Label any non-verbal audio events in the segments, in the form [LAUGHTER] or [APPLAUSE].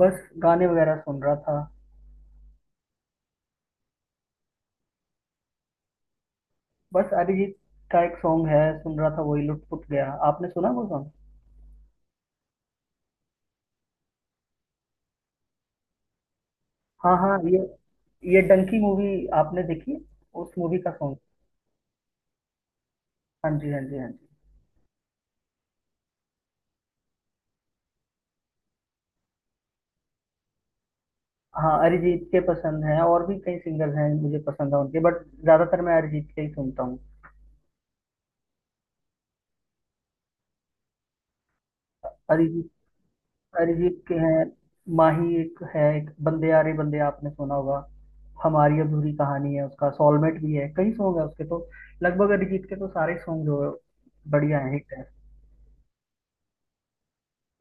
बस गाने वगैरह सुन रहा था। बस अरिजीत का एक सॉन्ग है सुन रहा था, वही लुट पुट गया। आपने सुना वो सॉन्ग? हाँ हाँ, ये डंकी मूवी आपने देखी? उस मूवी का सॉन्ग। हाँ जी हाँ जी हाँ जी। हाँ, अरिजीत के पसंद हैं और भी कई सिंगर्स हैं मुझे पसंद है उनके, बट ज्यादातर मैं अरिजीत के ही सुनता हूँ। अरिजीत अरिजीत के हैं। माही एक है, एक बंदे यारे बंदे आपने सुना होगा। हमारी अधूरी कहानी है उसका, सॉलमेट भी है, कई सॉन्ग है उसके तो। लगभग अरिजीत के तो सारे सॉन्ग जो है, बढ़िया हैं, हिट।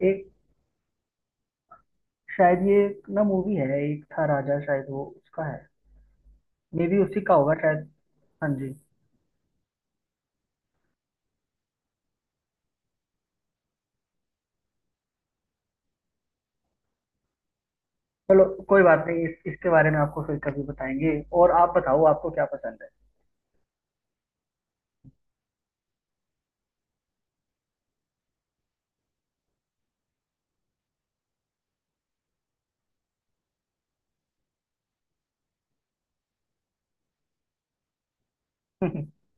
एक, शायद ये एक ना मूवी है एक था राजा, शायद वो उसका है। मे भी उसी का होगा शायद। हाँ जी। चलो कोई बात नहीं, इसके बारे में आपको फिर कभी बताएंगे। और आप बताओ, आपको क्या पसंद है? [LAUGHS]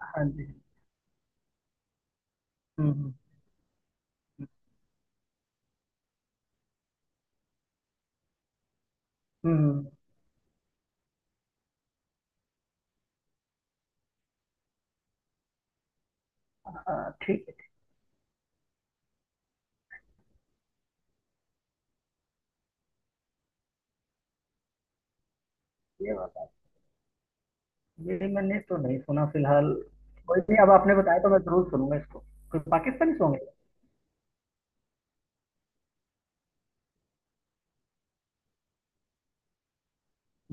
हाँ जी। हम्म। हम्म, हम्म, हम्म। हाँ, ठीक है, ठीक। है, ये बात आप। ये मैंने तो नहीं सुना फिलहाल। कोई नहीं, अब आपने बताया तो मैं जरूर सुनूंगा इसको। कोई पाकिस्तानी सॉन्ग है?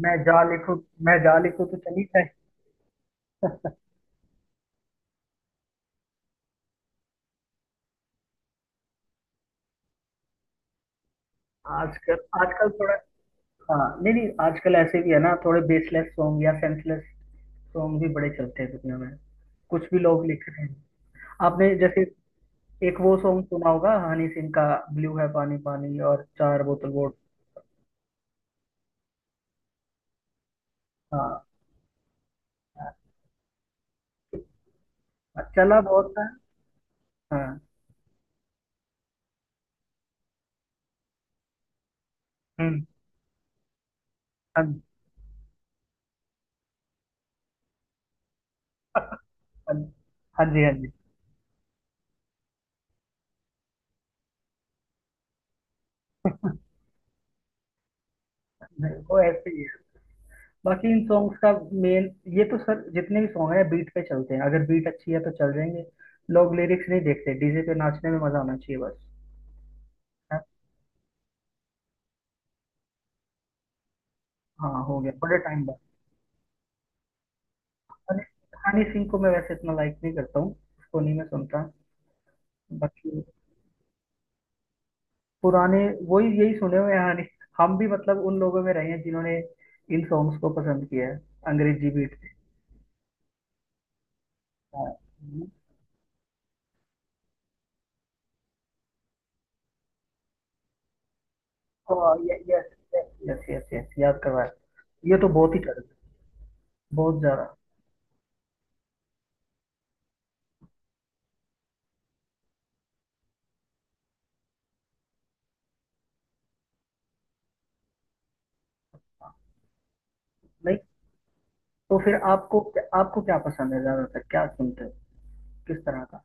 मैं जा लिखूं, मैं जा लिखूं तो चली जाए। आजकल आजकल थोड़ा। हाँ, नहीं नहीं, आजकल ऐसे भी है ना, थोड़े बेसलेस सॉन्ग या सेंसलेस सॉन्ग भी बड़े चलते हैं दुनिया में। कुछ भी लोग लिख रहे हैं। आपने जैसे एक वो सॉन्ग सुना होगा हनी सिंह का, ब्लू है पानी पानी और चार बोतल वोट। हाँ, चला बहुत था, हाँ। हम्म। हाँ हाँ हाँ जी हाँ जी। नहीं, वो ऐसे ही है। बाकी इन सॉन्ग्स का मेन, ये तो सर, जितने भी सॉन्ग है बीट पे चलते हैं, अगर बीट अच्छी है तो चल जाएंगे। लोग लिरिक्स नहीं देखते, डीजे पे नाचने में मजा आना चाहिए बस। हाँ, हाँ, हो गया बड़े टाइम बाद। हनी हनी सिंह को मैं वैसे इतना लाइक नहीं करता हूँ। उसको नहीं मैं सुनता। बाकी पुराने, वही यही सुने हुए हैं हनी। हम भी मतलब उन लोगों में रहे हैं जिन्होंने इन सॉन्ग्स को पसंद किया है, अंग्रेजी beat. Yes, yes yes yes, याद करवाया। ये तो बहुत ही कड़क है, बहुत ज्यादा। नहीं, तो फिर आपको आपको क्या पसंद है, ज्यादातर क्या सुनते हो, किस तरह का?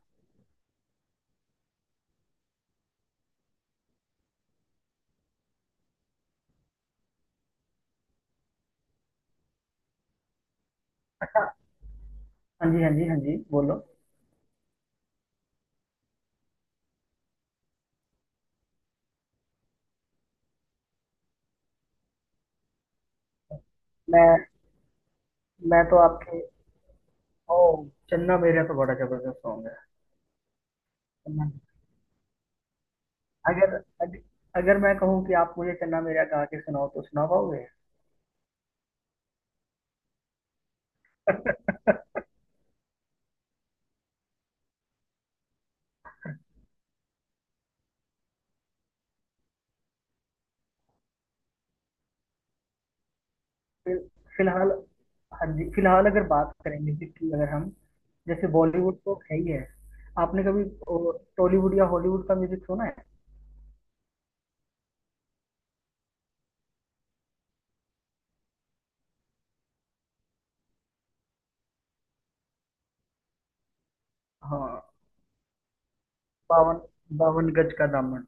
हाँ, हाँ जी हाँ जी हाँ जी, बोलो। मैं मैं तो आपके, ओ, चन्ना मेरा तो बड़ा जबरदस्त सॉन्ग है। अगर अग, अगर मैं कहूँ कि आप मुझे चन्ना मेरा गा के सुनाओ तो सुना पाओगे? फिल फिलहाल, हाँ जी, फिलहाल अगर बात करेंगे कि अगर हम, जैसे बॉलीवुड तो है ही है। आपने कभी टॉलीवुड या हॉलीवुड का म्यूजिक सुना है? हाँ, बावन बावन गज का दामन।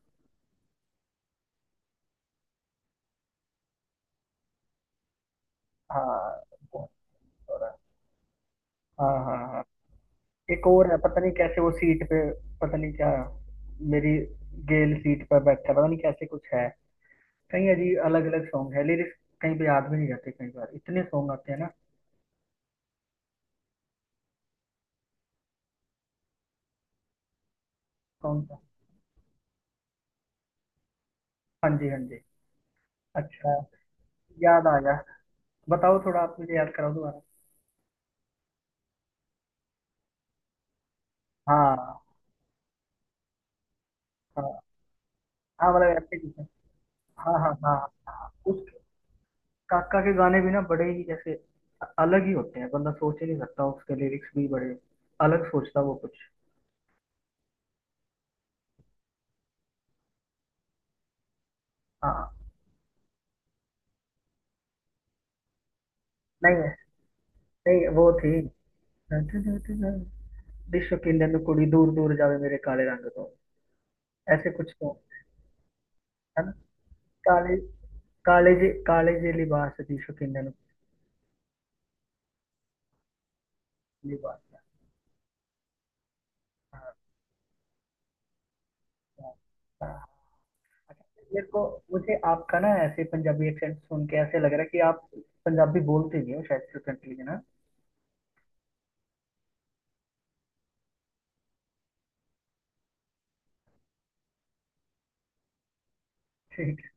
हाँ, बहुत सारा। हाँ हाँ हाँ। एक और है, पता नहीं कैसे वो सीट पे, पता नहीं क्या, मेरी गेल सीट पर बैठा है, पता नहीं कैसे कुछ है। कई अजीब अलग अलग सॉन्ग है, लिरिक्स कहीं पे याद भी नहीं रहते कई बार, इतने सॉन्ग आते हैं ना। कौन सा? हाँ जी हाँ जी। अच्छा, याद आ गया। बताओ थोड़ा, आप मुझे याद कराओ दोबारा। हाँ हाँ हाँ, मतलब ऐसे कुछ है। हाँ हाँ हाँ। हाँ। उस काका के गाने भी ना बड़े ही जैसे अलग ही होते हैं, बंदा सोच ही नहीं सकता, उसके लिरिक्स भी बड़े अलग सोचता वो कुछ। हाँ, नहीं नहीं, वो थी, विश्व की नन्ही कुड़ी दूर दूर जावे मेरे काले रंग तो, ऐसे कुछ तो है ना। ಕಾಲೇಜ್ ಕಾಲೇಜಿ ಕಾಲೇಜಿಯಲ್ಲಿ ಭಾಷा किंडन की भाषा। अच्छा, मेरे को, मुझे आपका ना ऐसे पंजाबी एक्सेंट सुन के ऐसे लग रहा है कि आप पंजाबी बोलते नहीं हो शायद फ्लुएंटली, है ना? ठीक है।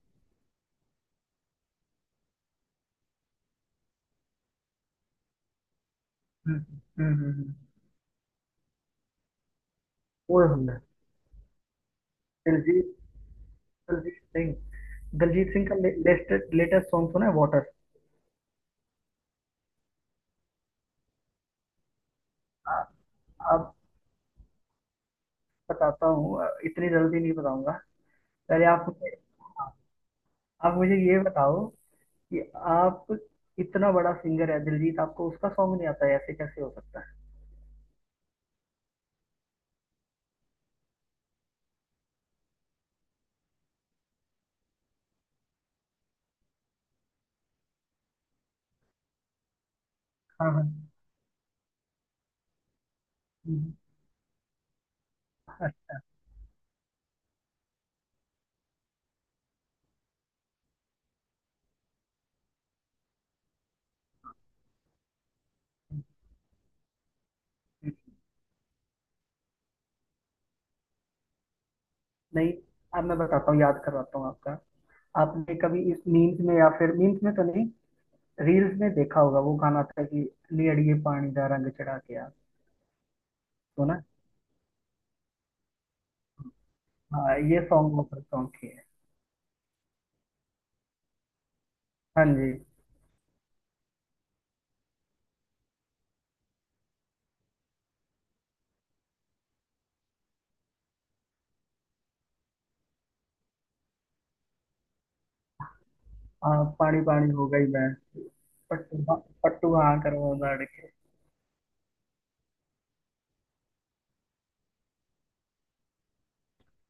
हम्म हम्म, वो हमने, दिलजीत दिलजीत सिंह, दिलजीत सिंह का लेटेस्ट लेटेस्ट सॉन्ग सुना है, वाटर? अब बताता हूँ, इतनी जल्दी नहीं बताऊंगा। पहले आप मुझे ये बताओ कि, आप, इतना बड़ा सिंगर है दिलजीत, आपको उसका सॉन्ग नहीं आता है, ऐसे कैसे हो सकता है? हाँ हाँ, अच्छा, नहीं, अब मैं बताता हूँ, याद करवाता हूँ आपका। आपने कभी इस मीम्स में, या फिर मीम्स में तो नहीं, रील्स में देखा होगा वो गाना था कि नी अड़िए पानी दा रंग चढ़ा के आ। तो ना, हाँ, ये सॉन्ग वो सॉन्ग की है। हाँ जी। हाँ, पानी पानी हो गई मैं। पट्टू हाँ, पट्टू हाँ करवा दाड़ के।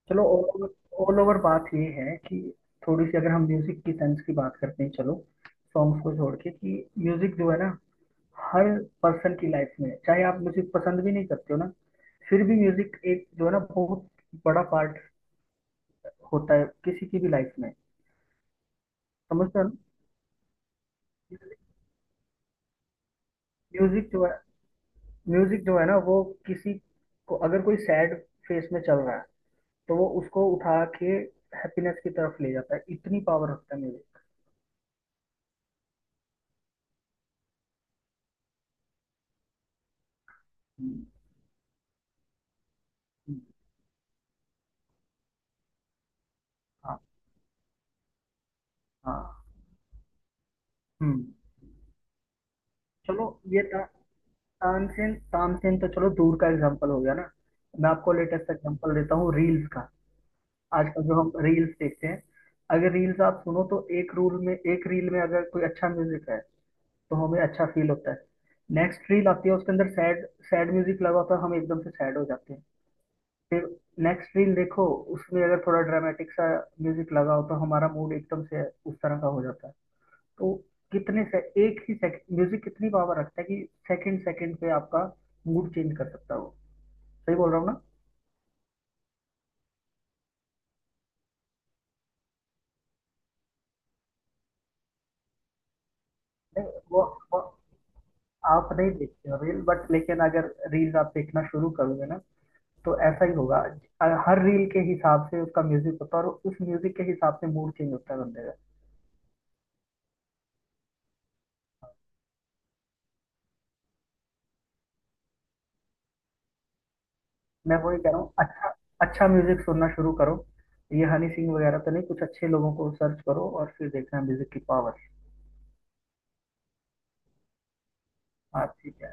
चलो, ऑल ओवर ओवर बात ये है कि, थोड़ी सी अगर हम म्यूजिक की सेंस की बात करते हैं, चलो सॉन्ग्स को छोड़ के कि, म्यूजिक जो है ना हर पर्सन की लाइफ में है। चाहे आप म्यूजिक पसंद भी नहीं करते हो ना, फिर भी म्यूजिक एक जो है ना, बहुत बड़ा पार्ट होता है किसी की भी लाइफ में, समझते हो ना। म्यूजिक जो है म्यूजिक जो है ना, वो किसी को अगर कोई सैड फेस में चल रहा है, तो वो उसको उठा के हैप्पीनेस की तरफ ले जाता है, इतनी पावर रखता है म्यूजिक। हाँ हाँ। हम्म। चलो, ये था तानसेन, तानसेन तो चलो दूर का एग्जांपल हो गया ना। मैं आपको लेटेस्ट एग्जांपल देता हूँ, रील्स का। आजकल जो हम रील्स देखते हैं, अगर रील्स आप सुनो तो, एक रूल में, एक रील में अगर कोई अच्छा म्यूजिक है, तो हमें अच्छा फील होता है। नेक्स्ट रील आती है, उसके अंदर सैड सैड म्यूजिक लगा होता है, हम एकदम से सैड हो जाते हैं। फिर नेक्स्ट रील देखो, उसमें अगर थोड़ा ड्रामेटिक सा म्यूजिक लगा हो, तो हमारा मूड एकदम से उस तरह का हो जाता है। तो कितने से, एक ही सेकंड म्यूजिक कितनी पावर रखता है कि सेकंड सेकंड पे आपका मूड चेंज कर सकता हो। सही बोल रहा हूँ ना? नहीं, वो, वो आप नहीं देखते हो रील, बट लेकिन अगर रील आप देखना शुरू करोगे ना, तो ऐसा ही होगा। हर रील के हिसाब से उसका म्यूजिक होता है और उस म्यूजिक के हिसाब से मूड चेंज होता है बंदे का। मैं वही कह रहा हूँ। अच्छा, अच्छा म्यूजिक सुनना शुरू करो, ये हनी सिंह वगैरह तो नहीं, कुछ अच्छे लोगों को सर्च करो और फिर देखना म्यूजिक की पावर। हाँ ठीक है,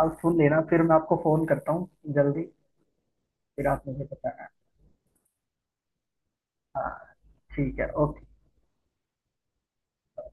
आप सुन लेना फिर मैं आपको फोन करता हूँ जल्दी। फिर आप मुझे बताना। हाँ ठीक है, ओके।